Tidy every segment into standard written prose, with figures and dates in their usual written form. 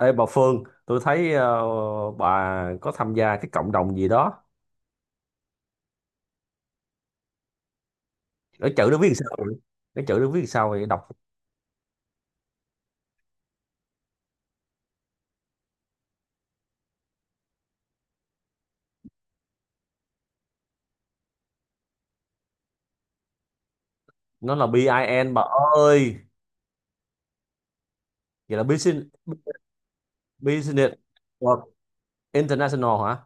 Ê bà Phương, tôi thấy bà có tham gia cái cộng đồng gì đó. Nó chữ nó viết làm sao vậy? Nó chữ nó viết làm sao vậy? Đọc nó là bê I BIN bà ơi. Vậy là Business Business World International hả?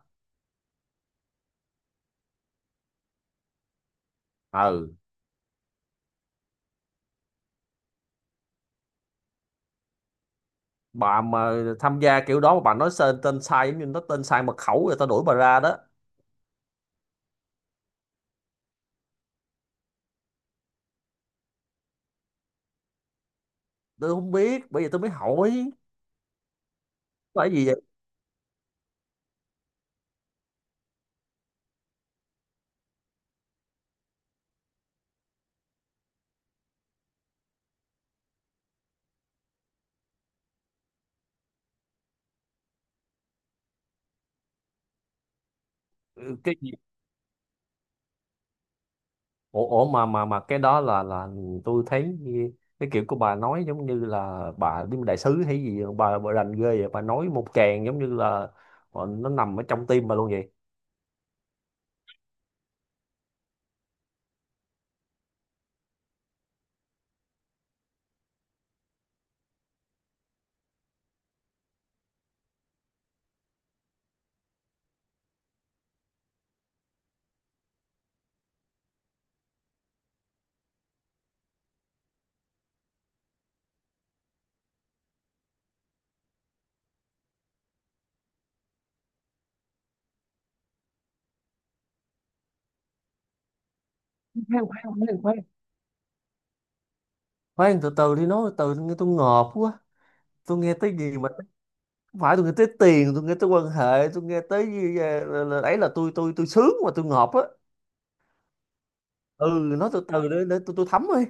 Ừ, bà mà tham gia kiểu đó mà bà nói tên, tên sai giống như nó tên sai mật khẩu rồi tao đuổi bà ra đó. Tôi không biết, bây giờ tôi mới hỏi. Phải gì vậy? Ừ, cái ủa, ủa mà cái đó là tôi thấy cái kiểu của bà nói giống như là bà đi đại sứ hay gì bà rành ghê vậy, bà nói một tràng giống như là nó nằm ở trong tim bà luôn vậy. Khoan khoan khoan khoan khoan từ từ đi, nói từ từ nghe, tôi ngợp quá. Tôi nghe tới gì mà, không phải, tôi nghe tới tiền, tôi nghe tới quan hệ, tôi nghe tới gì, là, ấy là tôi sướng mà tôi ngợp á. Ừ, nói từ từ để tôi thấm đi.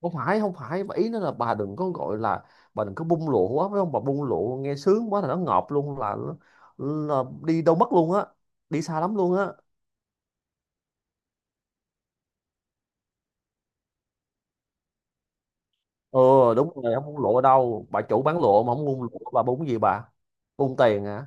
Không phải và ý nó là bà đừng có gọi là, bà đừng có bung lụa quá, phải không bà? Bung lụa nghe sướng quá là nó ngợp luôn, là đi đâu mất luôn á, đi xa lắm luôn á. Ừ, đúng rồi, không bung lụa ở đâu, bà chủ bán lụa mà không bung lụa bà bung cái gì bà, bung tiền hả?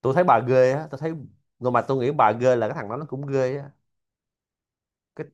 Tôi thấy bà ghê á, tôi thấy, nhưng mà tôi nghĩ bà ghê là cái thằng đó nó cũng ghê á. Cái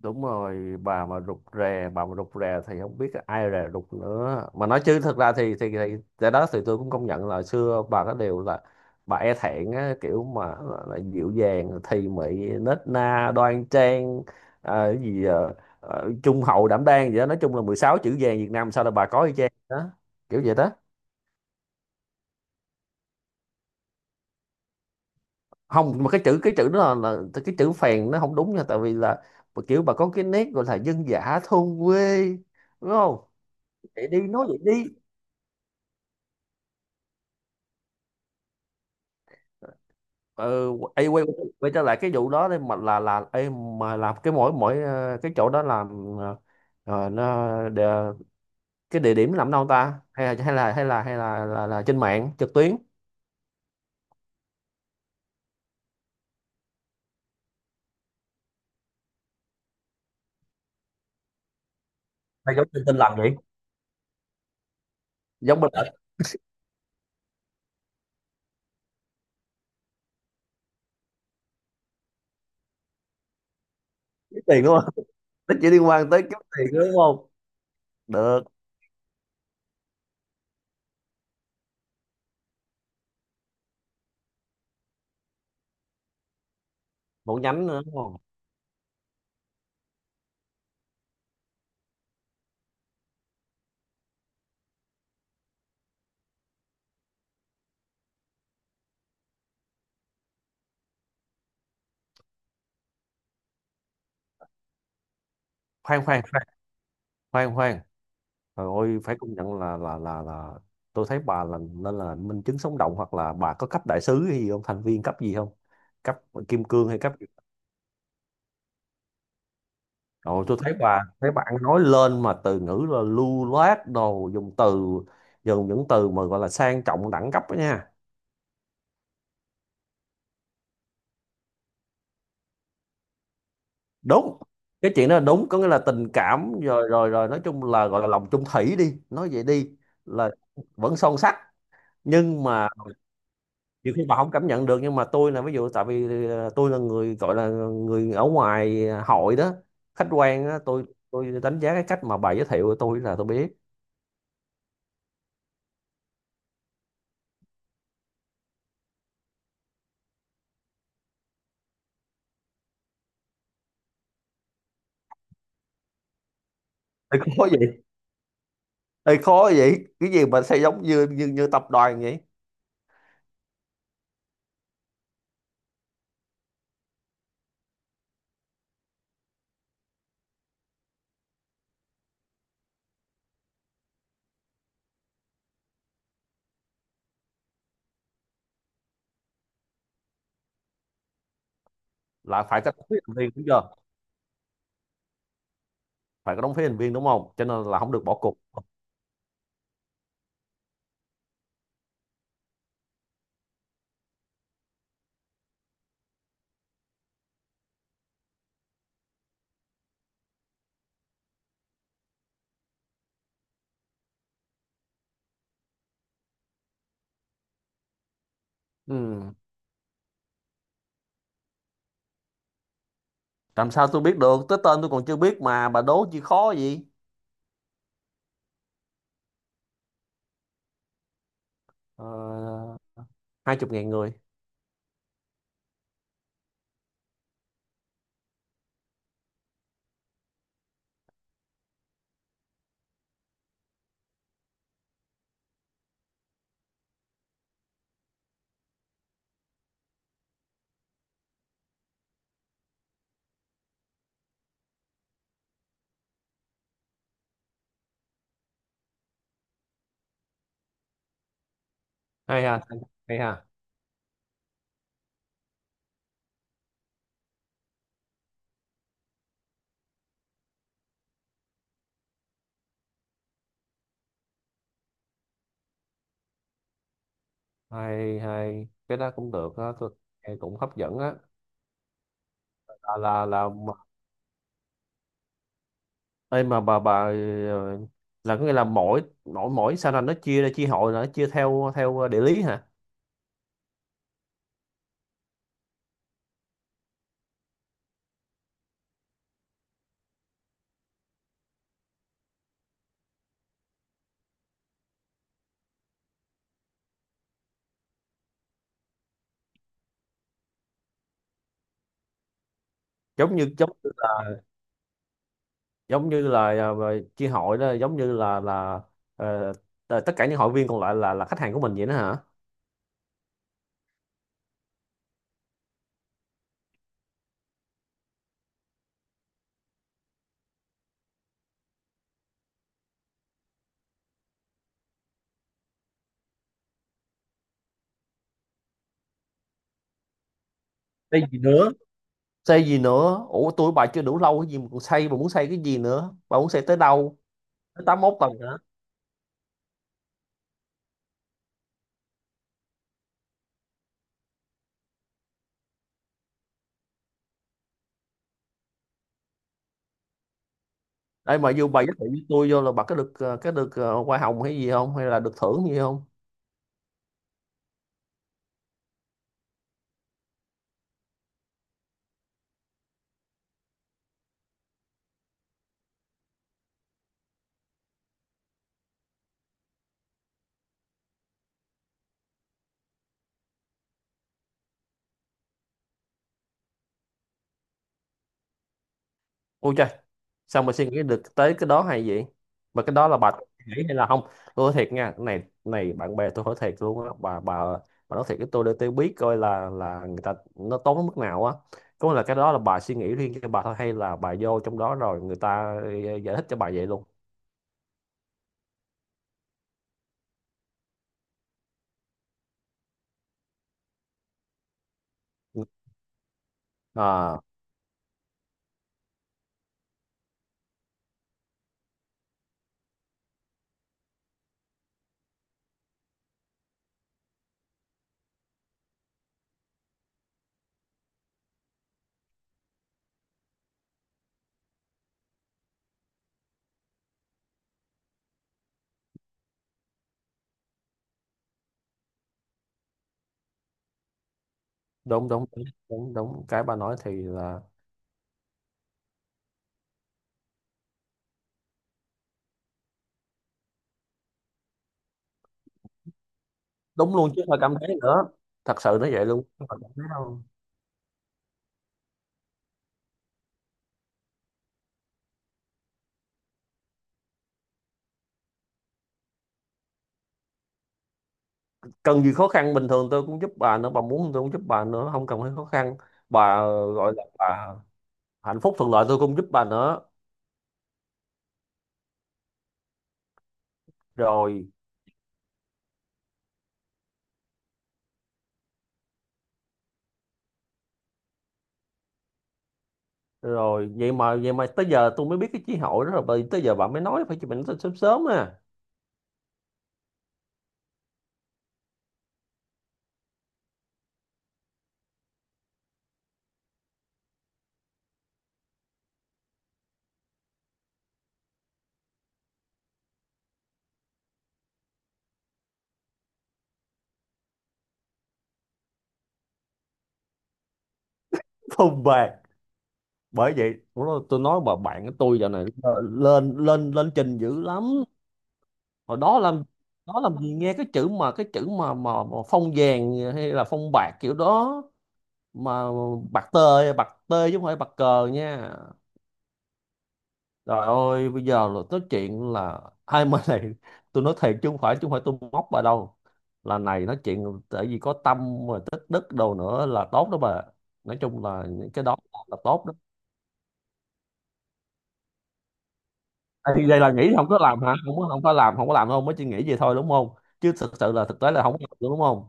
đúng rồi, bà mà rụt rè, bà mà rụt rè thì không biết ai rè rụt nữa mà nói, chứ thật ra thì cái đó thì tôi cũng công nhận là xưa bà có, điều là bà e thẹn á, kiểu mà là dịu dàng thì mị, nết na đoan trang, à, cái gì à, à, trung hậu đảm đang, vậy đó. Nói chung là 16 chữ vàng Việt Nam sao là bà có y chang đó, kiểu vậy đó. Không, mà cái chữ, là cái chữ phèn nó không đúng nha, tại vì là kiểu bà có cái nét gọi là dân dã thôn quê, đúng không? Vậy đi, nói vậy đi. Quay, quay trở lại cái vụ đó đi, mà mà làm cái mỗi mỗi ờ, cái chỗ đó làm, ờ, nó địa, cái địa điểm làm đâu ta, hay là là trên mạng trực tuyến, hay giống tin tin lành vậy, giống bên lệnh. Kiếm tiền đúng không? Nó chỉ liên quan tới kiếm tiền đúng không? Được. Một nhánh nữa đúng không? Khoan khoan khoan khoan khoan Trời ơi, phải công nhận là tôi thấy bà là nên là minh chứng sống động, hoặc là bà có cấp đại sứ hay gì không, thành viên cấp gì không, cấp kim cương hay cấp. Rồi tôi thấy bà, thấy bạn nói lên mà từ ngữ là lưu loát, đồ dùng từ, dùng những từ mà gọi là sang trọng đẳng cấp đó nha. Đúng, cái chuyện đó là đúng, có nghĩa là tình cảm rồi rồi rồi nói chung là gọi là lòng chung thủy đi, nói vậy đi, là vẫn son sắt. Nhưng mà nhiều khi bà không cảm nhận được, nhưng mà tôi là ví dụ, tại vì tôi là người gọi là người ở ngoài hội đó, khách quan á, tôi đánh giá cái cách mà bà giới thiệu của tôi là tôi biết. Có gì? Ê, khó vậy, cái gì mà sẽ giống như như như tập đoàn vậy. Là phải có đóng phí thành viên đúng chưa? Phải có đóng phí thành viên đúng không, cho nên là không được bỏ cuộc. Ừ. Làm sao tôi biết được, tới tên tôi còn chưa biết mà bà đố chi khó gì. uh, hai chục ngàn người. Hay ha, hay ha. Hay, hay cái đó cũng được á tôi, nghe cũng hấp dẫn á. Là là mà- ê mà bà, ờ, là có nghĩa là mỗi mỗi mỗi sao là nó chia ra, chia hội là nó chia theo, theo địa lý hả? Giống như giống như giống như là chia hội đó giống như là ờ, t- tất cả những hội viên còn lại là khách hàng của mình vậy đó hả? Đây gì nữa, xây gì nữa, ủa tôi với bà chưa đủ lâu cái gì mà còn xây, bà muốn xây cái gì nữa, bà muốn xây tới đâu, tới tám mốt tầng hả? Đây mà vô bà giới thiệu với tôi vô là bà có được cái được hoa hồng hay gì không, hay là được thưởng gì không? Ôi trời, xong rồi suy nghĩ được tới cái đó hay gì, mà cái đó là bà nghĩ hay là không. Tôi nói thiệt nha, cái này này bạn bè tôi hỏi thiệt luôn á, bà nói thiệt với tôi để tôi biết coi là người ta nó tốn đến mức nào á. Có nghĩa là cái đó là bà suy nghĩ riêng cho bà thôi, hay là bà vô trong đó rồi người ta giải thích cho bà vậy luôn? À, đúng đúng, đúng. Cái bà nói thì là đúng luôn, chứ không phải cảm thấy nữa, thật sự nó vậy luôn, chứ không phải cảm thấy đâu. Cần gì khó khăn, bình thường tôi cũng giúp bà nữa, bà muốn tôi cũng giúp bà nữa, không cần phải khó khăn. Bà gọi là bà, hạnh phúc thuận lợi tôi cũng giúp bà nữa. Rồi, rồi vậy mà, vậy mà tới giờ tôi mới biết cái chí hội đó, rồi bởi- tới giờ bà mới nói, phải chụp nói sớm sớm à. Không bạc. Bởi vậy lúc đó tôi nói bà bạn của tôi giờ này lên lên lên trình dữ lắm. Hồi đó làm, đó làm gì nghe cái chữ mà cái chữ mà phong vàng hay là phong bạc kiểu đó mà, bạc tê chứ không phải bạc cờ nha. Trời ơi, bây giờ là nói chuyện là ai mà này, tôi nói thiệt chứ không phải tôi móc bà đâu. Là này nói chuyện tại vì có tâm mà tích đức đồ nữa là tốt đó bà. Nói chung là những cái đó là tốt đó. Ê, vậy là nghĩ không có làm hả? Không có làm đâu, mới chỉ nghĩ vậy thôi đúng không? Chứ thực sự là thực tế là không có làm đúng không?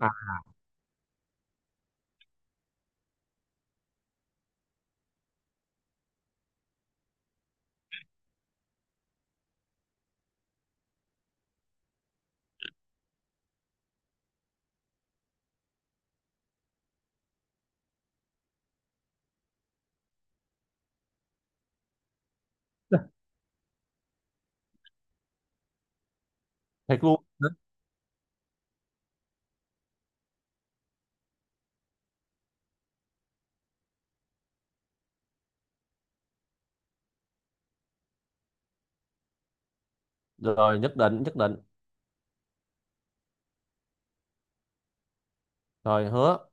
À, thiệt luôn. Rồi nhất định, nhất định. Rồi hứa.